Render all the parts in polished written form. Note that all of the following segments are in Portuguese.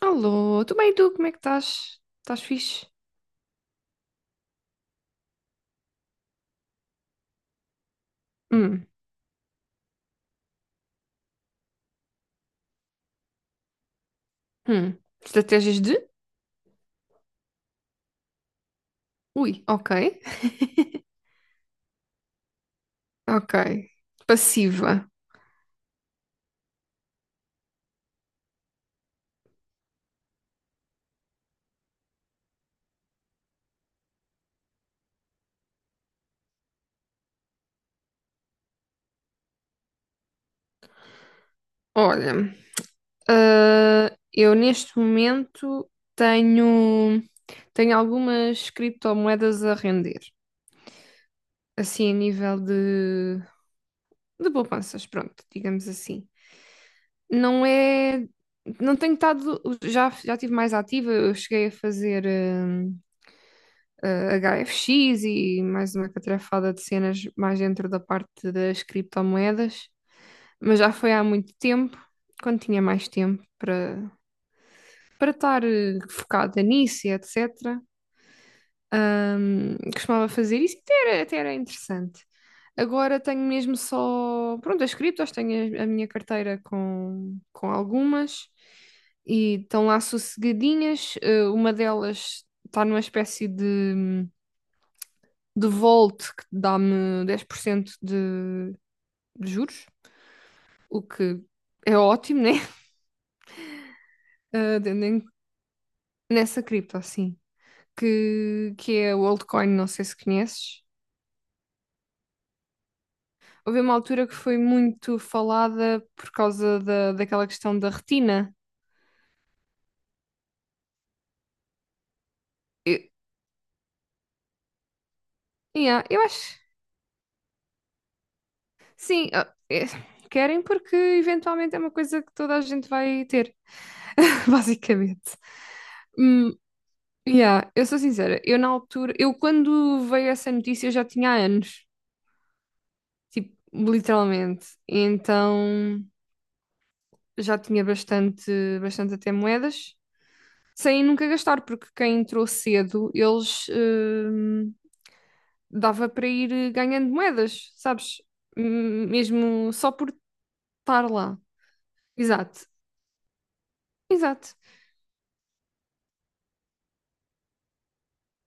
Alô, tudo bem tu? Como é que estás? Estás fixe? Hum, hum. Estratégias de? Ui, ok. Ok. Passiva. Olha, ah, eu neste momento tenho, tenho algumas criptomoedas a render. Assim, a nível de poupanças, pronto, digamos assim. Não é. Não tenho estado. Já estive mais ativa, eu cheguei a fazer, HFX e mais uma catrefada de cenas mais dentro da parte das criptomoedas, mas já foi há muito tempo, quando tinha mais tempo para estar focada nisso e etc. Costumava fazer isso e até era interessante. Agora tenho mesmo só, pronto, as criptos, tenho a minha carteira com algumas e estão lá sossegadinhas. Uma delas está numa espécie de Volt, que dá-me 10% de juros, o que é ótimo, né? Ah, nessa cripto, assim, que é o altcoin, não sei se conheces. Houve uma altura que foi muito falada por causa daquela questão da retina. Eu, yeah, eu acho, sim, ah, é, querem porque eventualmente é uma coisa que toda a gente vai ter, basicamente. Hum. Yeah, eu sou sincera, eu na altura, eu quando veio essa notícia eu já tinha há anos, tipo, literalmente. Então já tinha bastante, bastante até moedas, sem nunca gastar, porque quem entrou cedo, eles dava para ir ganhando moedas, sabes? Mesmo só por estar lá. Exato, exato,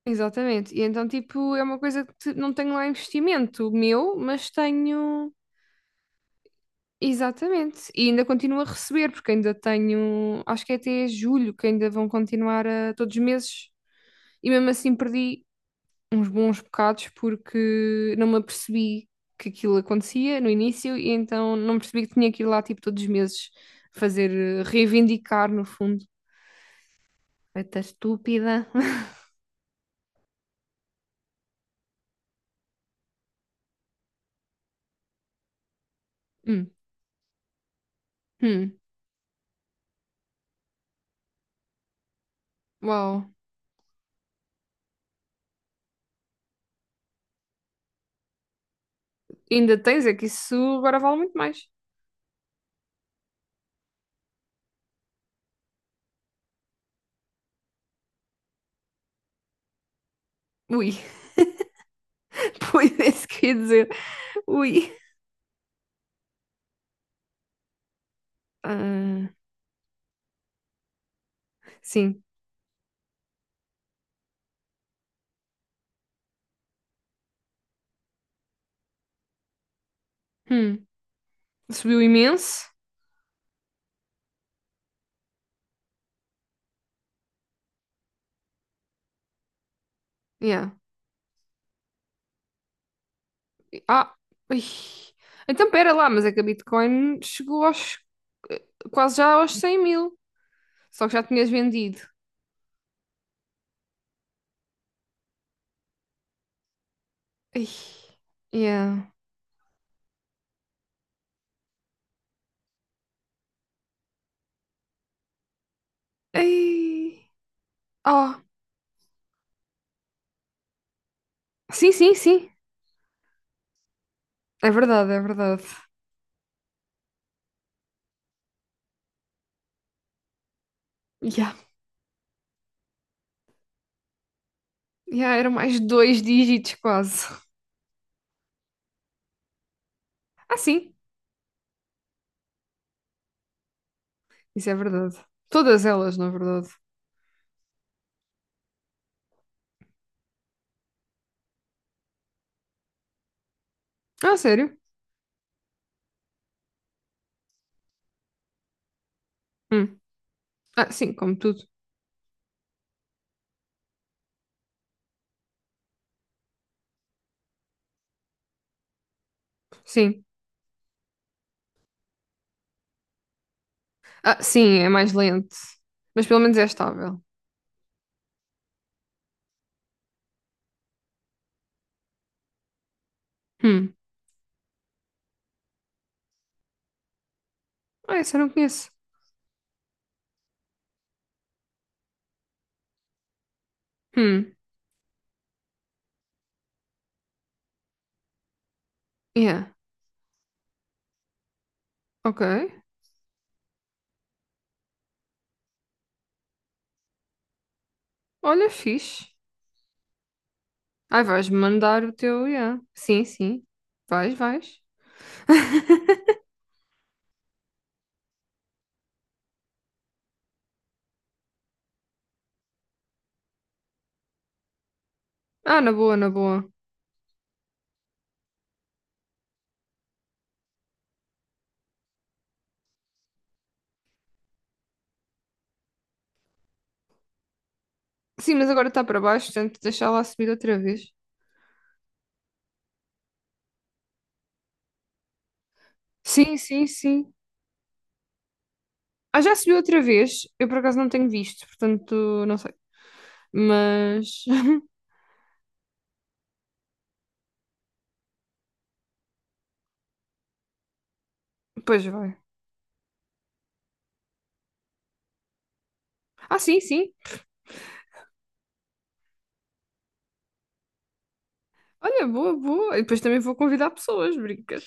exatamente. E então, tipo, é uma coisa não tenho lá investimento meu, mas tenho. Exatamente. E ainda continuo a receber, porque ainda tenho, acho que é até julho que ainda vão continuar todos os meses. E mesmo assim perdi uns bons bocados porque não me apercebi que aquilo acontecia no início e então não percebi que tinha que ir lá tipo todos os meses fazer, reivindicar no fundo. Eita estúpida. Hum, hum, uau. Ainda tens, é que isso agora vale muito mais. Ui, pois é isso que eu ia dizer. Ui. Ah, sim. Hum. Subiu imenso. Yeah. Ah, ui. Então pera lá, mas é que a Bitcoin chegou eh, quase já aos 100 mil. Só que já tinhas vendido. Ai, yeah. Ai, oh. Sim, sim, sim. É verdade, é verdade. Yeah. Yeah, eram mais dois dígitos quase. Ah, sim. Isso é verdade. Todas elas, na verdade. Ah, sério? Hum. Ah, sim, como tudo. Sim. Ah, sim, é mais lento. Mas pelo menos é estável. Hum. Ah, isso eu não conheço. Hum, yeah, ok. Olha, fixe. Ai, vais-me mandar o teu, yeah. Sim, sim. Vais, vais. Ah, na boa, na boa. Sim, mas agora está para baixo, portanto, deixar lá subir outra vez. Sim, sim, sim. Ah, já subiu outra vez. Eu por acaso não tenho visto, portanto, não sei. Mas. Pois vai. Ah, sim, sim. Olha, boa, boa. E depois também vou convidar pessoas, brincas.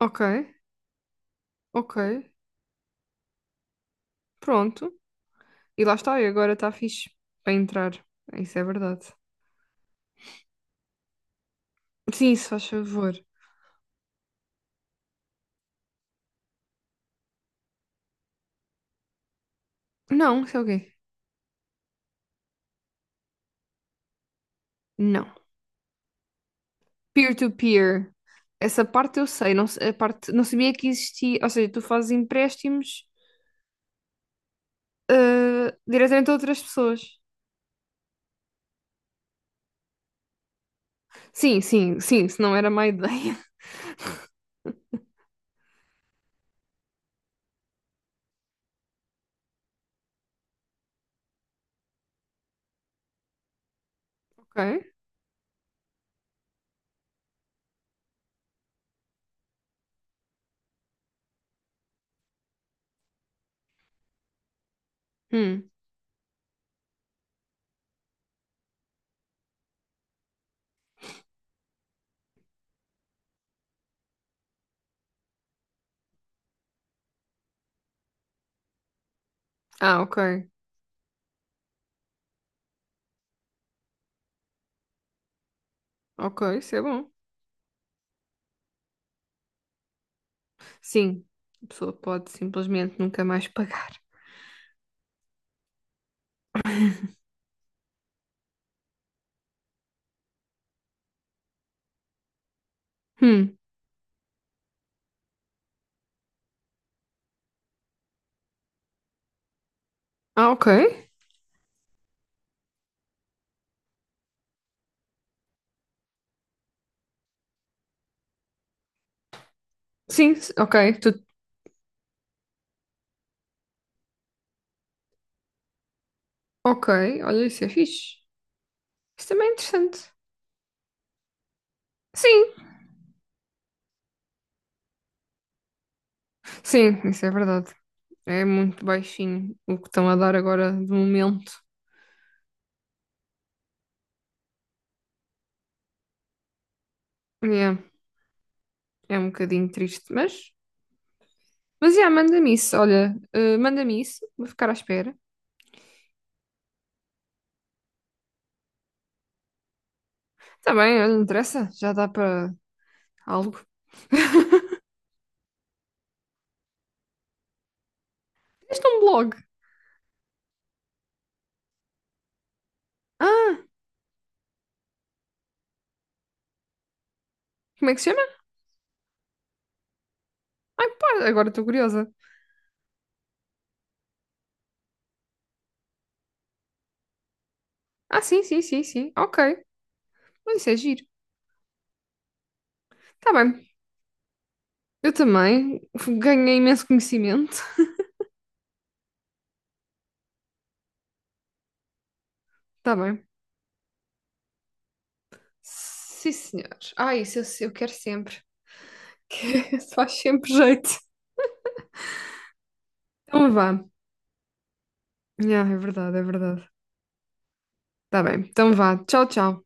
Ok, ok. Pronto. E lá está, e agora está fixe para entrar. Isso é verdade. Sim, se faz favor. Não, isso é o quê? Não. Peer-to-peer. Essa parte eu sei, não, a parte, não sabia que existia. Ou seja, tu fazes empréstimos diretamente a outras pessoas. Sim, sim, sim, se não era má ideia. Ok. Hum. Ah, ok. Ok, isso é bom. Sim, a pessoa pode simplesmente nunca mais pagar. Hum. Ah, ok. Sim, ok. Tu. Ok, olha, isso é fixe. Isso também é interessante. Sim, sim, isso é verdade. É muito baixinho o que estão a dar agora de momento. Yeah, é um bocadinho triste, mas. Mas já, manda-me isso, olha, manda-me isso, vou ficar à espera. Tá bem, olha, não interessa, já dá para algo. Este é um blog. Ah, como é que se chama? Ai, pá, agora estou curiosa. Ah, sim, sim, sim, sim, ok. Mas isso é giro. Está bem, eu também ganhei imenso conhecimento. Tá bem. Sim, senhores. Ah, isso eu quero sempre. Que isso faz sempre jeito. Então vá. Yeah, é verdade, é verdade. Tá bem, então vá. Tchau, tchau.